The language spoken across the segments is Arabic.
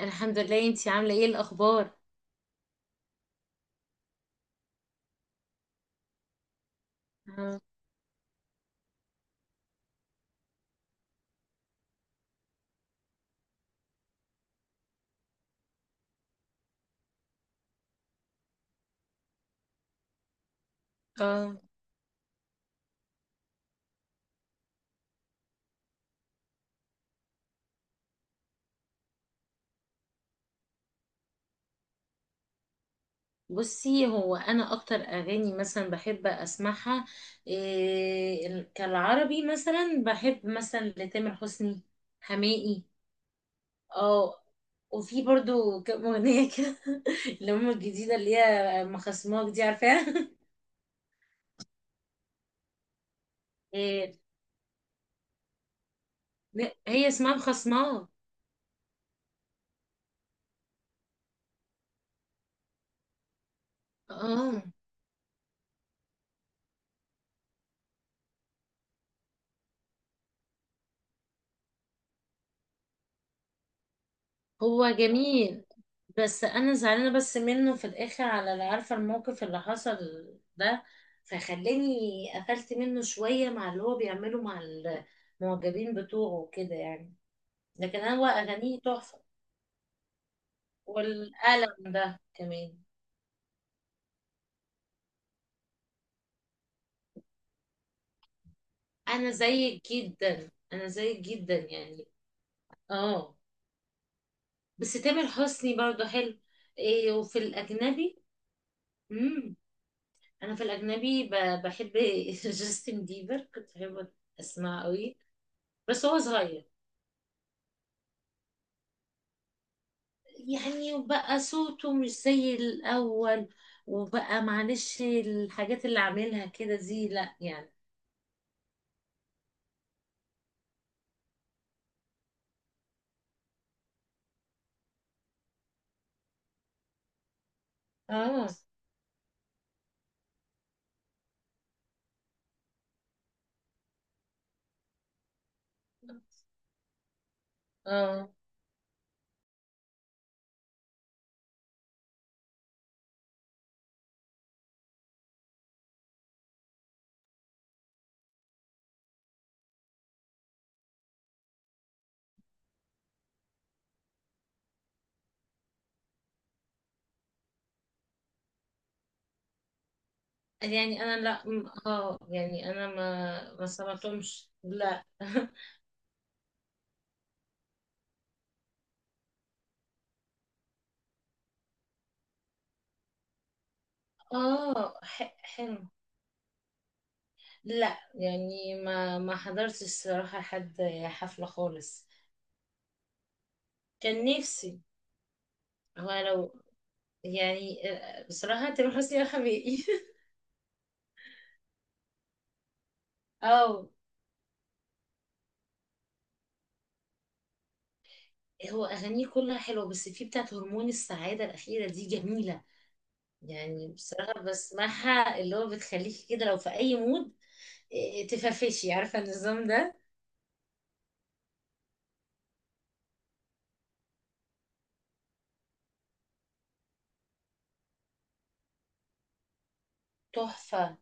الحمد لله، انتي عاملة ايه الأخبار؟ اه. آه. بصي، هو أنا أكتر أغاني مثلا بحب أسمعها، إيه كالعربي، مثلا بحب مثلا لتامر حسني، حماقي. اه. وفي برضو كام أغنية كده. اللي هم الجديدة اللي هي مخصماك دي، عارفاها؟ إيه، هي اسمها مخصماك. اه، هو جميل، بس انا زعلانه بس منه في الاخر على اللي عارفه الموقف اللي حصل ده، فخلاني قفلت منه شويه مع اللي هو بيعمله مع المعجبين بتوعه وكده يعني. لكن هو اغانيه تحفه، والقلم ده كمان. انا زيك جدا، انا زيك جدا يعني. اه. بس تامر حسني برضه حلو. إيه، وفي الاجنبي، امم انا في الاجنبي بحب. جاستن بيبر، كنت بحب اسمعه قوي، بس هو صغير يعني، وبقى صوته مش زي الأول، وبقى معلش الحاجات اللي عاملها كده دي لا يعني. اه، اه. يعني أنا لا يعني أنا ما سمعتهمش، لا. اه، حلو. لا يعني ما حضرتش الصراحة حد حفلة خالص. كان نفسي، هو لو، يعني آه، بصراحة تامر حسني يا حبيبي. اه، هو أغانيه كلها حلوة، بس في بتاعة هرمون السعادة الأخيرة دي جميلة. يعني بصراحة بسمعها، اللي هو بتخليكي كده لو في أي مود، إيه، تفرفشي، عارفة النظام ده؟ تحفة.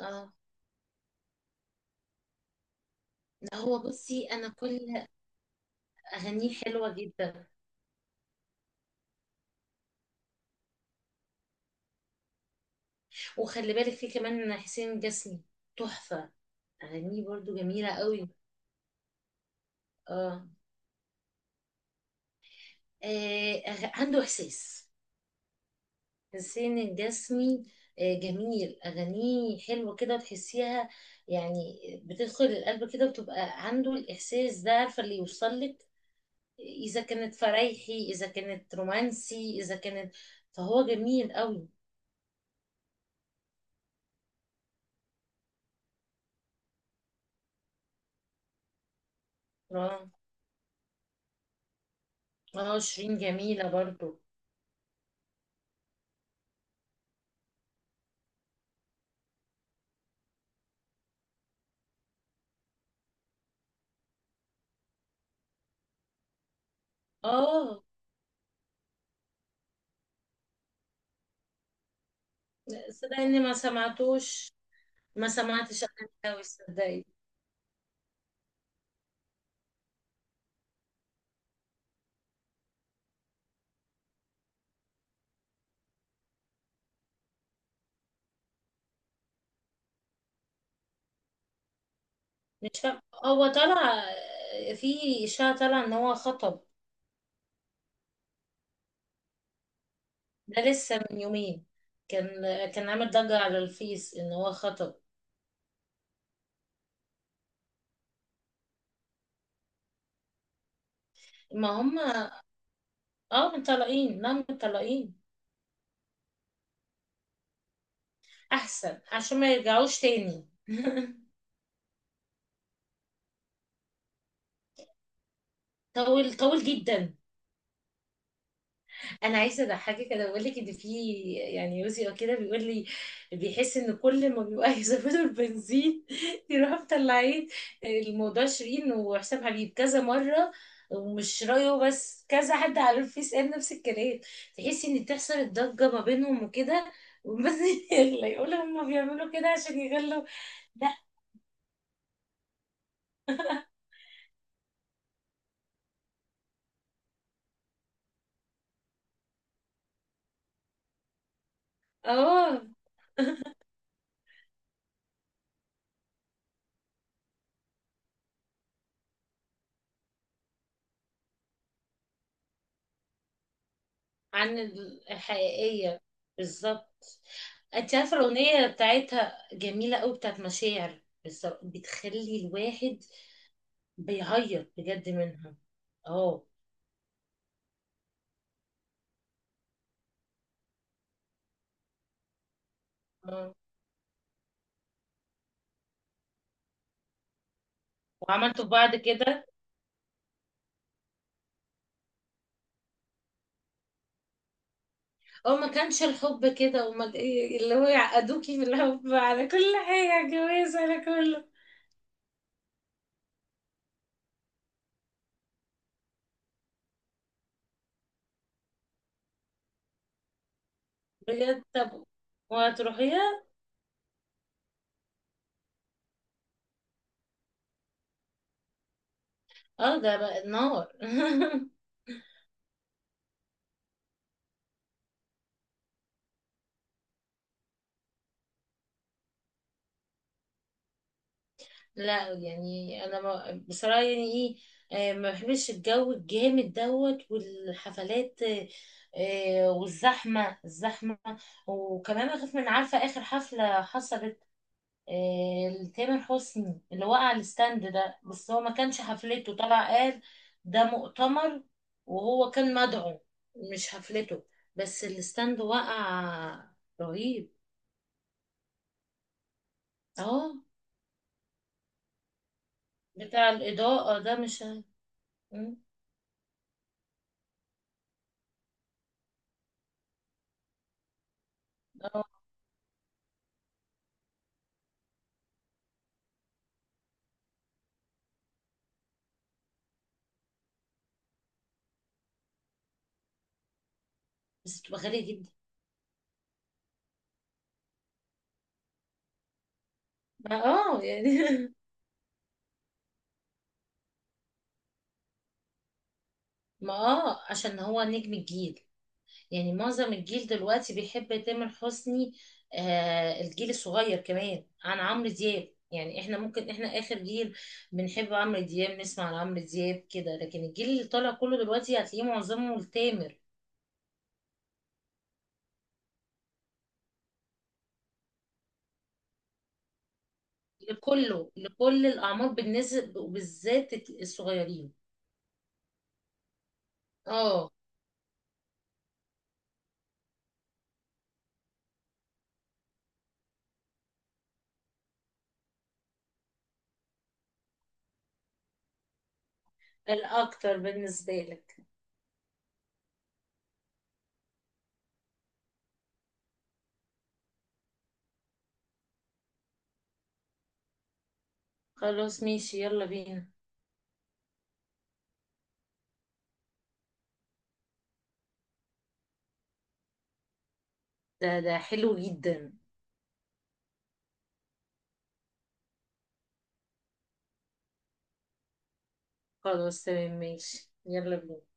اه، لا هو بصي، أنا كل أغانيه حلوة جدا. وخلي بالك في كمان حسين الجسمي، تحفة، أغانيه برضو جميلة قوي. اه، آه، عنده إحساس. حسين الجسمي، آه، جميل، أغانيه حلوة كده وتحسيها يعني، بتدخل القلب كده وتبقى عنده الإحساس ده، عارفة اللي يوصل لك؟ إذا كانت فرايحي، إذا كانت رومانسي، إذا كانت، فهو جميل قوي. اه، آه، شيرين جميلة برضو. اه، صدقني ما سمعتوش، ما سمعتش أغاني قوي صدقني. مش فاهم، هو طلع آه، في إشاعة طلع إن هو خطب. ده لسه من يومين، كان كان عامل ضجة على الفيس ان هو خطب. ما هم، اه مطلقين، لا مطلقين. احسن عشان ما يرجعوش تاني. طول، طول جدا. انا عايزه اضحكك، انا بقول لك ان في، يعني يوزي او كده بيقول لي بيحس ان كل ما بيبقى يزودوا البنزين يروح مطلعين الموضوع شيرين وحسام حبيب كذا مره. ومش رايه بس كذا حد على الفيس قال نفس الكلام، تحسي ان تحصل الضجه ما بينهم وكده، والبنزين يغلى. يقولوا هما بيعملوا كده عشان يغلوا. لا. اه. عن الحقيقية، بالظبط. انت عارفة الأغنية بتاعتها جميلة أوي، بتاعت مشاعر، بالظبط بتخلي الواحد بيعيط بجد منها. اه، اه، وعملتوا في بعض كده. اه، ما كانش الحب كده، وما إيه اللي هو يعقدوكي في الحب على كل حاجة، جواز على كله. بجد؟ طب وهتروحيها؟ اه، ده بقى النار. لا يعني انا ما بصراحه يعني ايه، آه، ما بحبش الجو الجامد دوت والحفلات، آه، آه، والزحمه الزحمه، وكمان اخاف من، عارفه اخر حفله حصلت آه لتامر حسني، اللي وقع على الستاند ده، بس هو ما كانش حفلته، طلع قال ده مؤتمر، وهو كان مدعو. مش حفلته، بس الستاند وقع. رهيب. اه، بتاع الاضاءه ده، مش. مم. اه، بس بتبقى غالية جدا. ما يعني. ما عشان هو نجم الجيل، يعني معظم الجيل دلوقتي بيحب تامر حسني. آه الجيل الصغير كمان عن عمرو دياب، يعني احنا ممكن احنا اخر جيل بنحب عمرو دياب، نسمع عمرو دياب كده، لكن الجيل اللي طالع كله دلوقتي هتلاقيه معظمه لتامر، لكله، لكل الاعمار بالنسبة، وبالذات الصغيرين. اه. الاكتر بالنسبة لك. خلاص ماشي، يلا بينا. ده حلو جدا. خلاص تمام ماشي، يلا بينا.